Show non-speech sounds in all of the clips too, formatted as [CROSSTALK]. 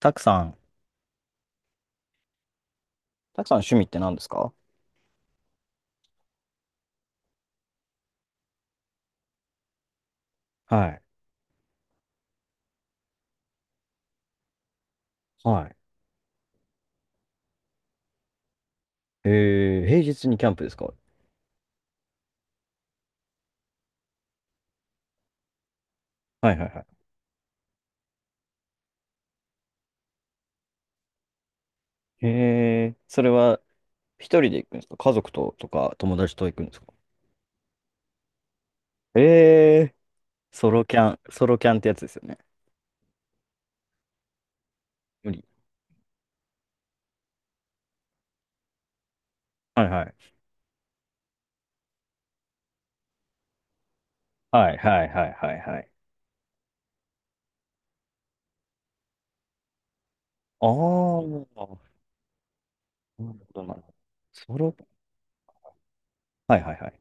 たくさん。たくさん趣味って何ですか？はい。はい。平日にキャンプですか？はいはいはい。それは一人で行くんですか？家族ととか友達と行くんですか？えー、ソロキャン、ソロキャンってやつですよね。無理。はいはい。はいはいはいはいはい。あー、なるほど、なるほど。ソロ、はいはいはい。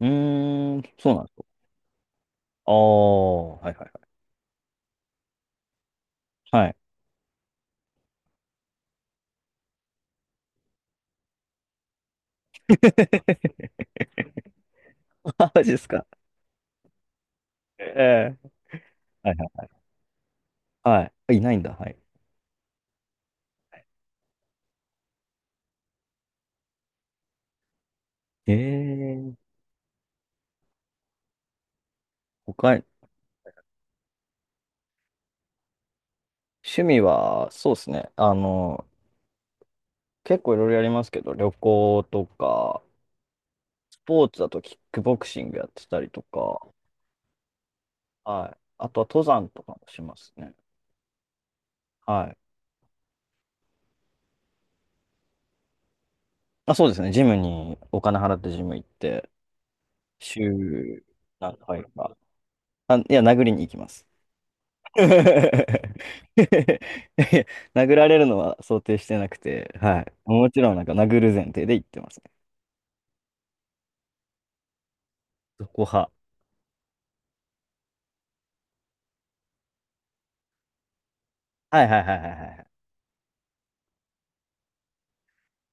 うーん、そうなんですか。あー、はいはいはい。はい。 [LAUGHS] マジですか。[LAUGHS] はい。えはいはい。はい。いないんだ。はい。ええー、他に、趣味は、そうですね。結構いろいろやりますけど、旅行とか、スポーツだとキックボクシングやってたりとか、はい。あとは登山とかもしますね。はい。あ、そうですね。ジムにお金払ってジム行って、週何回か。あ、いや、殴りに行きます。[LAUGHS] 殴られるのは想定してなくて、はい。もちろんなんか殴る前提で行ってますね。どこ派。はいはいはいはいはい。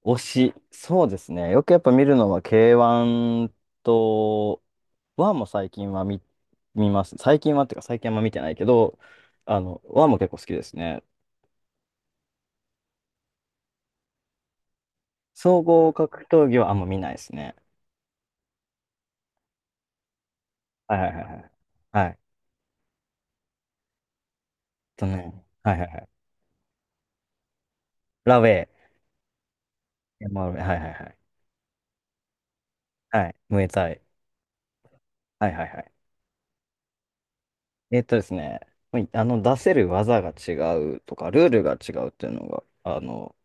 推し、そうですね。よくやっぱ見るのは K1 と、ワンも最近は見ます。最近はっていうか最近はあんま見てないけど、ワンも結構好きですね。総合格闘技はあんま見ないですね。はいはいはいはい。はい。えっとね、はいはいはい。ラウェイ、m r はいはいはい。はい、ムエタイ。はいはいはい。えっとですね、まあ出せる技が違うとか、ルールが違うっていうのが、あの、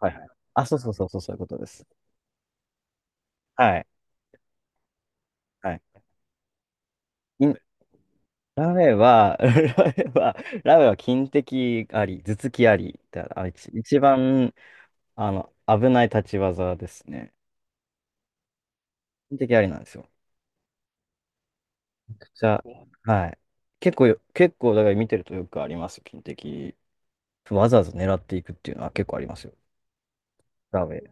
はいはい。あ、そうそうそうそう、そういうことです。はい。はい。ラメは、[LAUGHS] ラメは、ラメは金的あり、頭突きありってあ一一番、危ない立ち技ですね。金的ありなんですよ。じゃあ、はい。結構、だから見てるとよくありますよ、金的。わざわざ狙っていくっていうのは結構ありますよ。ラメ。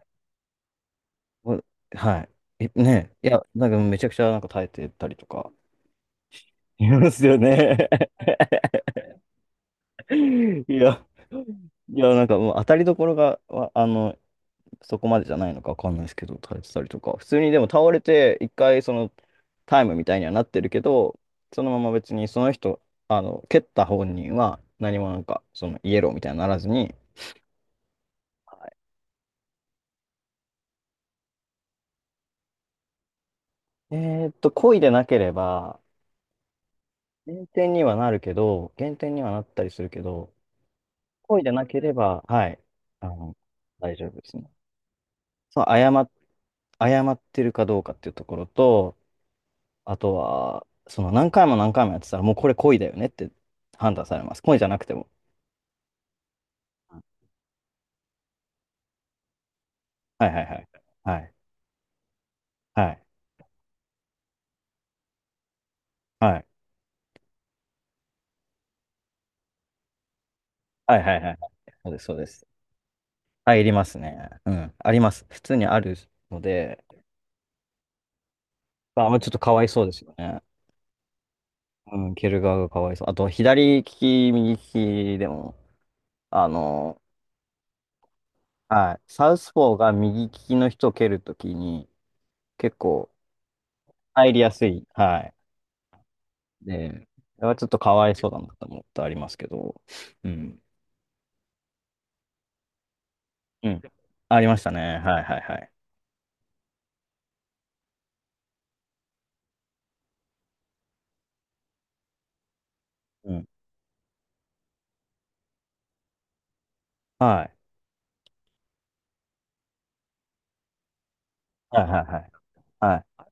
お、はい。え、ねえ、いや、なんかめちゃくちゃなんか耐えてたりとか、いますよね。[LAUGHS] いや、いや、なんかもう当たりどころが、わ、そこまでじゃないのかわかんないですけど、耐えてたりとか。普通にでも倒れて、一回そのタイムみたいにはなってるけど、そのまま別にその人、蹴った本人は何もなんか、そのイエローみたいにならずに、はい、えーっと、故意でなければ、減点にはなるけど、減点にはなったりするけど、故意でなければ、はい、あの、大丈夫ですね。そう、謝ってるかどうかっていうところと、あとは、その何回も何回もやってたら、もうこれ恋だよねって判断されます。恋じゃなくても。はいはいはい。はい。はい。はい。はいはいはい。そうです、そうです。入りますね。うん。あります。普通にあるので、まあ、まあちょっとかわいそうですよね。うん、蹴る側がかわいそう。あと、左利き、右利きでも、あの、はい。サウスポーが右利きの人を蹴るときに、結構入りやすい。はい。で、それはちょっとかわいそうだなと思ってありますけど、うん。うん。ありましたね。はいはいはい。うん。はい。はいはいはい。はい。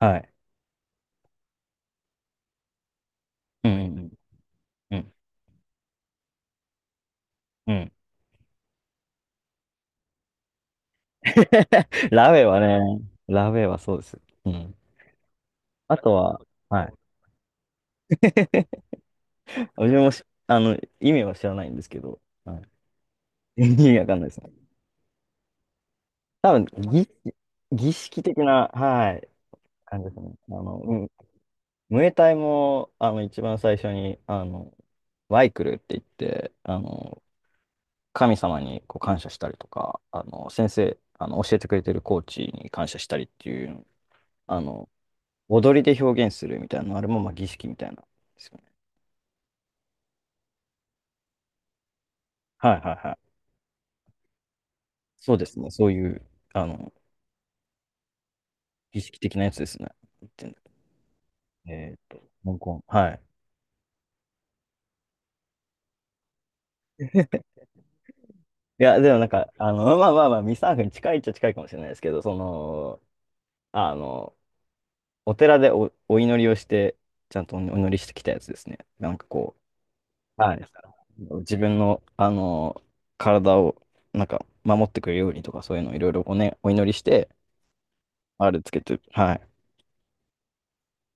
はい。うんうんうん。うん。うん。[LAUGHS] ラベはね、ラベはそうです。うん。あとは、はい。私もし、意味は知らないんですけど、はい。[LAUGHS] 意味わかんないですね。多分、儀、儀式的な、はい、感じですね。あの、うん、ムエタイも、一番最初に、ワイクルって言って、神様にこう感謝したりとか、先生、教えてくれてるコーチに感謝したりっていう、あの、踊りで表現するみたいな、あれもまあ儀式みたいなんですよね。はいはいはい。そうですね。そういう、あの、儀式的なやつですね。言ってんだ、えっと、香港。はい。いや、でもなんか、まあまあまあ、ミサーフに近いっちゃ近いかもしれないですけど、その、あの、お寺でお、お祈りをして、ちゃんとお祈りしてきたやつですね。なんかこ、はい。う、自分の、体を、なんか、守ってくれるようにとか、そういうのをいろいろおね、お祈りして、あれつけて、はい。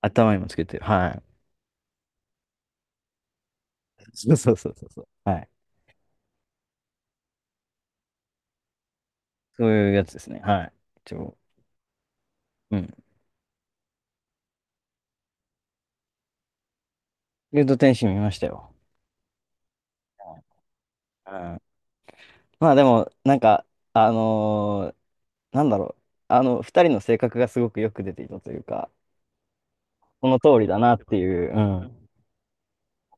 頭にもつけて、はい。そうそうそうそうそう。はい。そういうやつですね。はい。一応、うん。ルート天使見ましたよ。うん。まあでも、なんか、あのーなんだろう。二人の性格がすごくよく出ていたというか、その通りだなっていう、うん。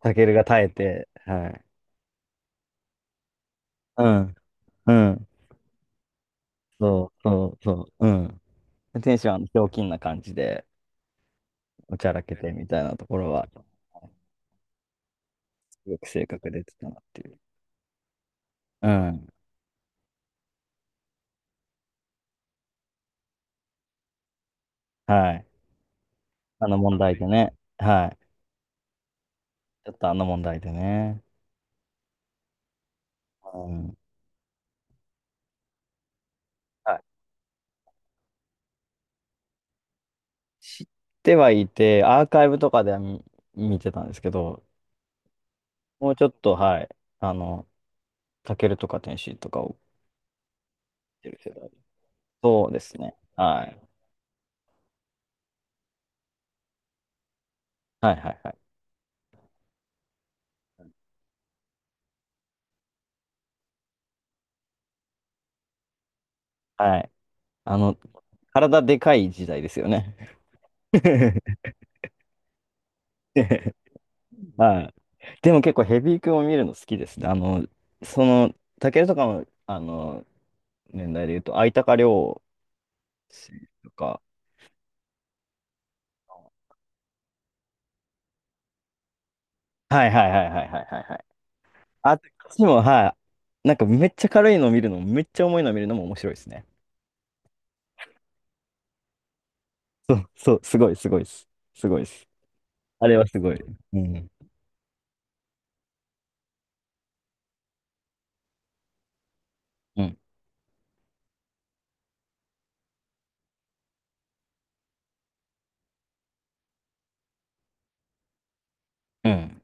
タケルが耐えて、はい。うん、うん、そう、そう、そう、うん。天使はあのひょうきんな感じで、おちゃらけてみたいなところは、すごく性格出てたなっていう。うん。はい。あの問題でね。はい。ちょっとあの問題でね。うん。はい、知ってはいて、アーカイブとかでは見てたんですけど、もうちょっと、はい。あの、タケルとか天使とかを見てる世代。そうですね。はい。はいはいはい。はい。あの、体でかい時代ですよね。[LAUGHS] はい。でも結構ヘビー級を見るの好きですね。あの、その、タケルとかの、あの、年代で言うと、相高亮選手とか、はいはいはいはいはいはいはい。あっちも、はい。なんかめっちゃ軽いの見るのも、めっちゃ重いの見るのも面白いですね。そう、そう、すごい、すごいです。すごいです。あれはすごい。うん、うん、うん。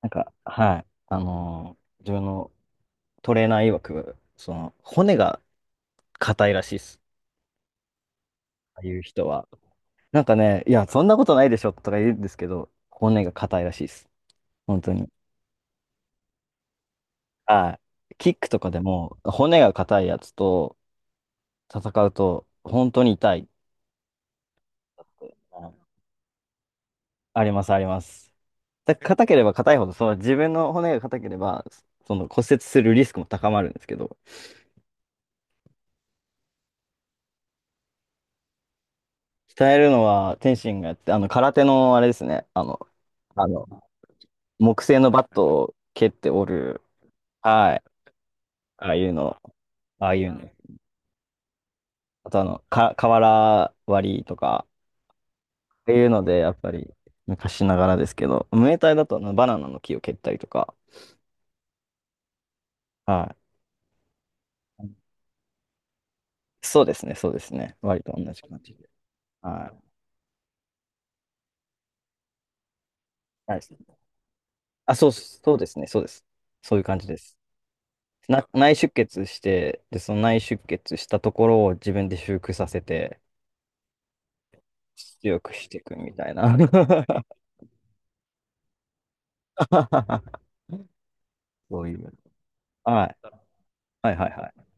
なんか、はい。自分のトレーナー曰く、その、骨が硬いらしいっす。ああいう人は。なんかね、いや、そんなことないでしょとか言うんですけど、骨が硬いらしいです。本当に。はい。キックとかでも、骨が硬いやつと戦うと、本当に痛い。はい、あります、あります。だ、硬ければ硬いほど、その自分の骨が硬ければ、その骨折するリスクも高まるんですけど、鍛えるのは天心がやって、空手のあれですね、あの、あの、木製のバットを蹴って折る、はい、ああいうの、ああいうの。あとあの、か、瓦割りとか、っていうので、やっぱり、昔ながらですけど、ムエタイだとあのバナナの木を蹴ったりとか、はい。そうですね、そうですね。割と同じ感じで。はい。はい。あ、そう、そうですね、そうです。そういう感じです。な、内出血して、で、その内出血したところを自分で修復させて、強くしていくみたいな。[LAUGHS] そういう。[LAUGHS] はい。はいはいはい。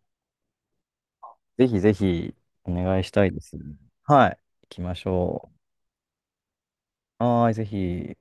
ぜひぜひお願いしたいです。はい。行きましょう。はーい、ぜひ。